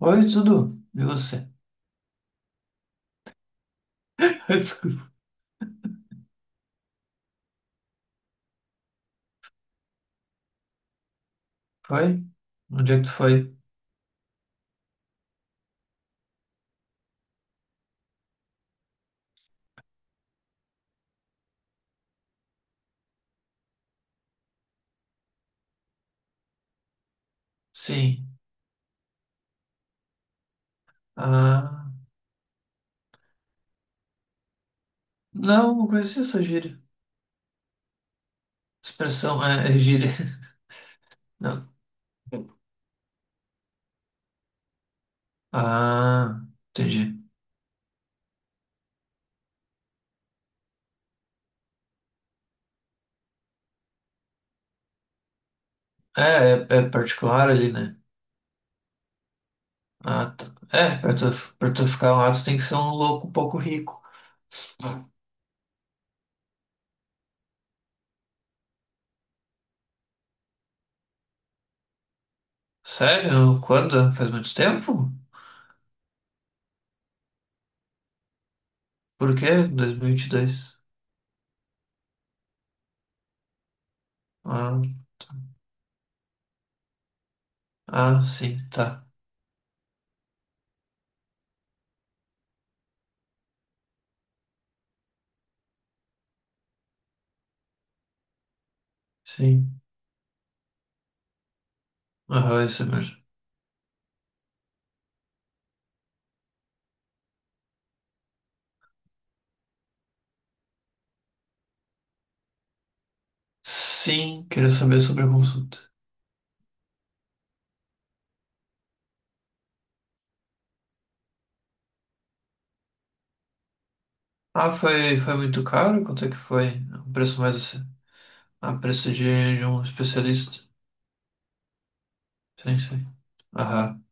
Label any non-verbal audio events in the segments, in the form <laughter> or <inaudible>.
Oi, tudo? E você? <laughs> Desculpa. Foi? Onde é que tu foi? Sim. Ah. Não, não conhecia essa gíria. Expressão é gíria. <laughs> Não. Ah, entendi. É, é, é particular ali, né? Ah, tá. É, pra tu ficar lá, tu tem que ser um louco um pouco rico. Sério? Quando? Faz muito tempo? Por quê? Dois mil e vinte e dois. Ah, ah, sim, tá. Sim. Aham, isso mesmo. Sim, queria saber sobre a consulta. Ah, foi muito caro? Quanto é que foi? O preço mais assim? Ah, preço de um especialista. Sim, sim. Aham.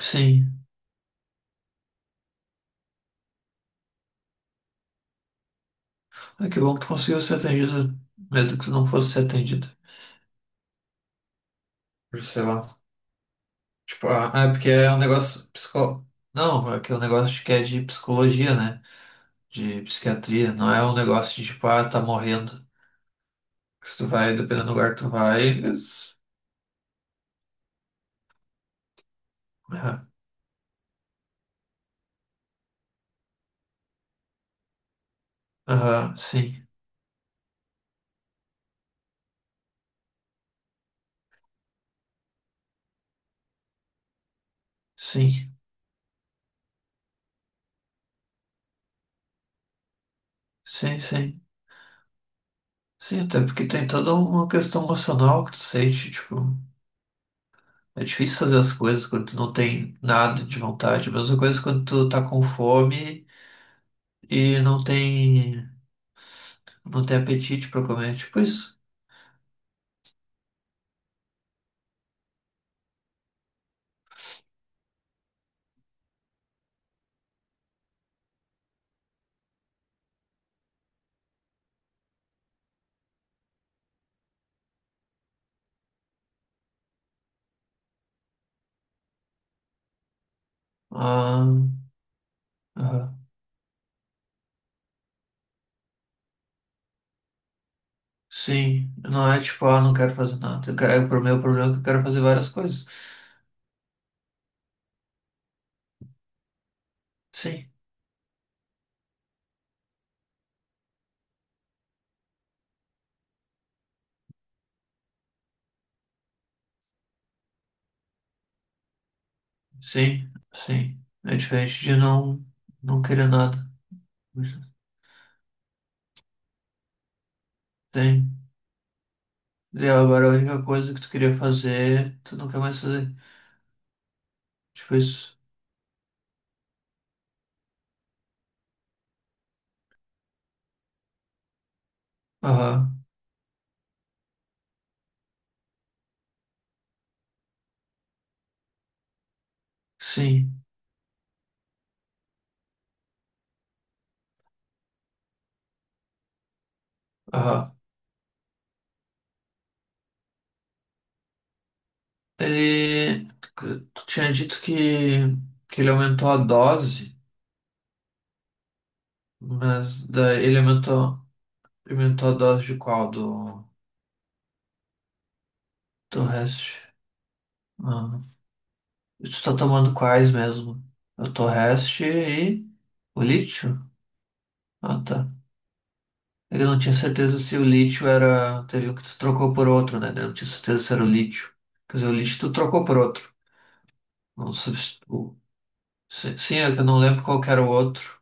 Sim. Ah, que bom que tu conseguiu ser atendido, mesmo que tu não fosse ser atendido. Sei lá. Tipo, ah, é porque é um negócio psico... Não, é que é um negócio que é de psicologia, né? De psiquiatria. Não é um negócio de, tipo, ah, tá morrendo. Que se tu vai, dependendo do lugar que tu vai, eles... Aham, aham, sim. Sim, sim, sim. Sim, até porque tem toda uma questão emocional que tu sente, tipo, é difícil fazer as coisas quando tu não tem nada de vontade. A mesma coisa é quando tu tá com fome e não tem apetite pra comer, tipo isso. Ah, ah, sim, não é tipo, ah, não quero fazer nada. Eu quero, o meu problema é que eu quero fazer várias coisas. Sim, sim, sim. É diferente de não querer nada. Tem. E agora a única coisa que tu queria fazer, tu não quer mais fazer. Tipo isso. Aham. Sim. Aham. Ele. Tu tinha dito que ele aumentou a dose, mas daí ele aumentou, aumentou a dose de qual? Do, do Rest. Ah. E tu tá tomando quais mesmo? Eu tô Rest e o lítio? Ah, tá. Ele não tinha certeza se o lítio era. Teve o que tu trocou por outro, né? Ele não tinha certeza se era o lítio. Quer dizer, o lítio tu trocou por outro. Não substitu... Sim, sim, é que eu não lembro qual que era o outro.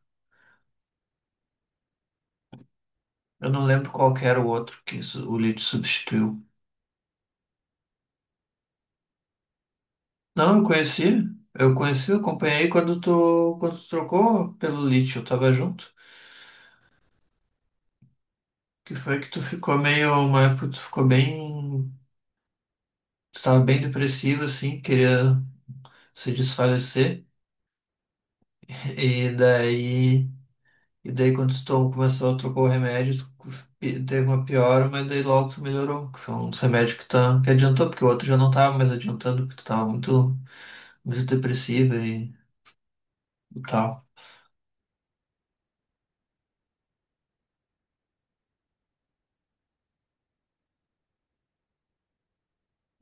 Eu não lembro qual que era o outro que su- o Leeds substituiu. Não, eu conheci. Eu conheci, eu acompanhei quando tu trocou pelo Leeds, eu tava junto. Que foi que tu ficou meio, uma época tu ficou bem, tu tava bem depressivo assim, queria se desfalecer. E daí, e daí quando tu tom- começou a trocar o remédio, tu pi- teve uma piora, mas daí logo tu melhorou. Que foi um dos remédios que, tá, que adiantou, porque o outro já não tava mais adiantando, porque tu tava muito, muito depressiva e tal.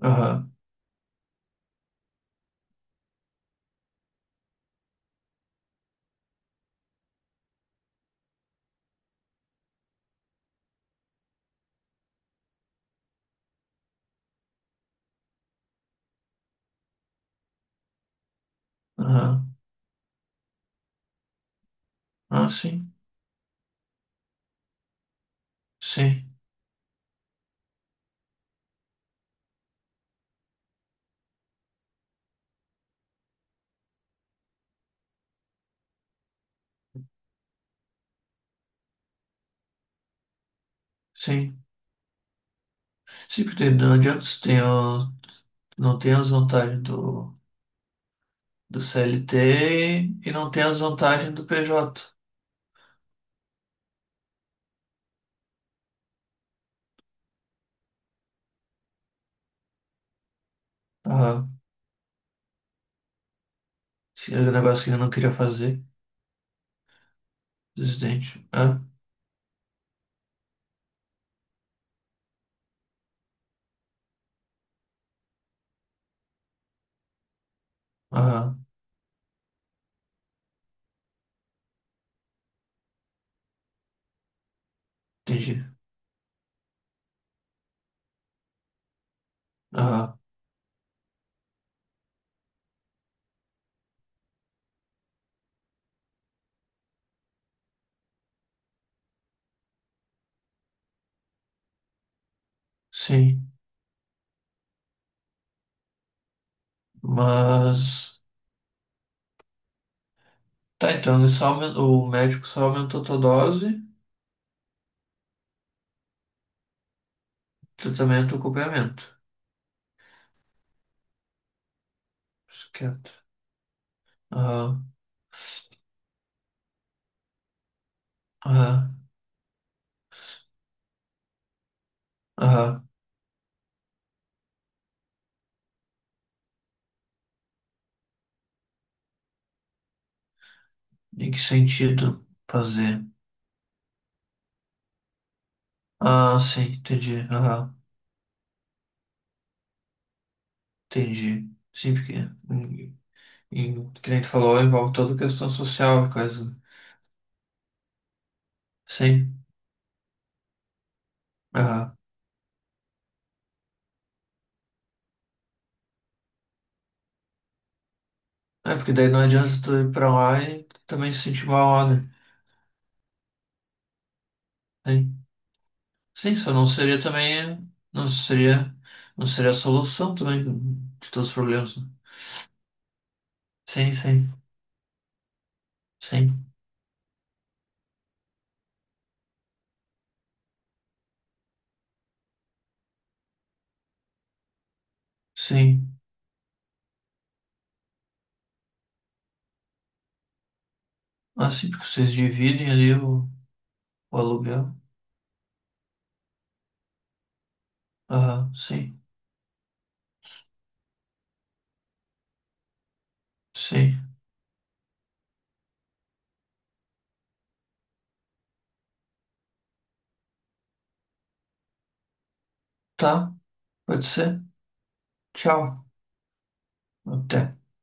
Aham, aham. Ah, sim, sim, sim. Sim, porque não adianta você ter, o- não tem as vantagens do CLT e não tem as vantagens do PJ. Aham. Esse era o negócio que eu não queria fazer, presidente. Ah, aham, entendi. Aham, sim. Mas, tá, então ele só aumen- o médico só aumentou a tua dose, tratamento, e acompanhamento. Isso quieto. Aham, aham, aham. Em que sentido fazer? Ah, sim, entendi. Aham, entendi. Sim, porque em, que nem tu falou, envolve toda a questão social, coisa. Né? Sim. Aham. É, porque daí não adianta tu ir pra lá e também se sentir mal, lá, né? Sim. Sim, isso não seria também. Não seria. Não seria a solução também de todos os problemas. Né? Sim, sim. Sim. Sim. Ah, sim, porque vocês dividem ali o aluguel. Aham, sim. Sim. Tá, pode ser. Tchau. Até.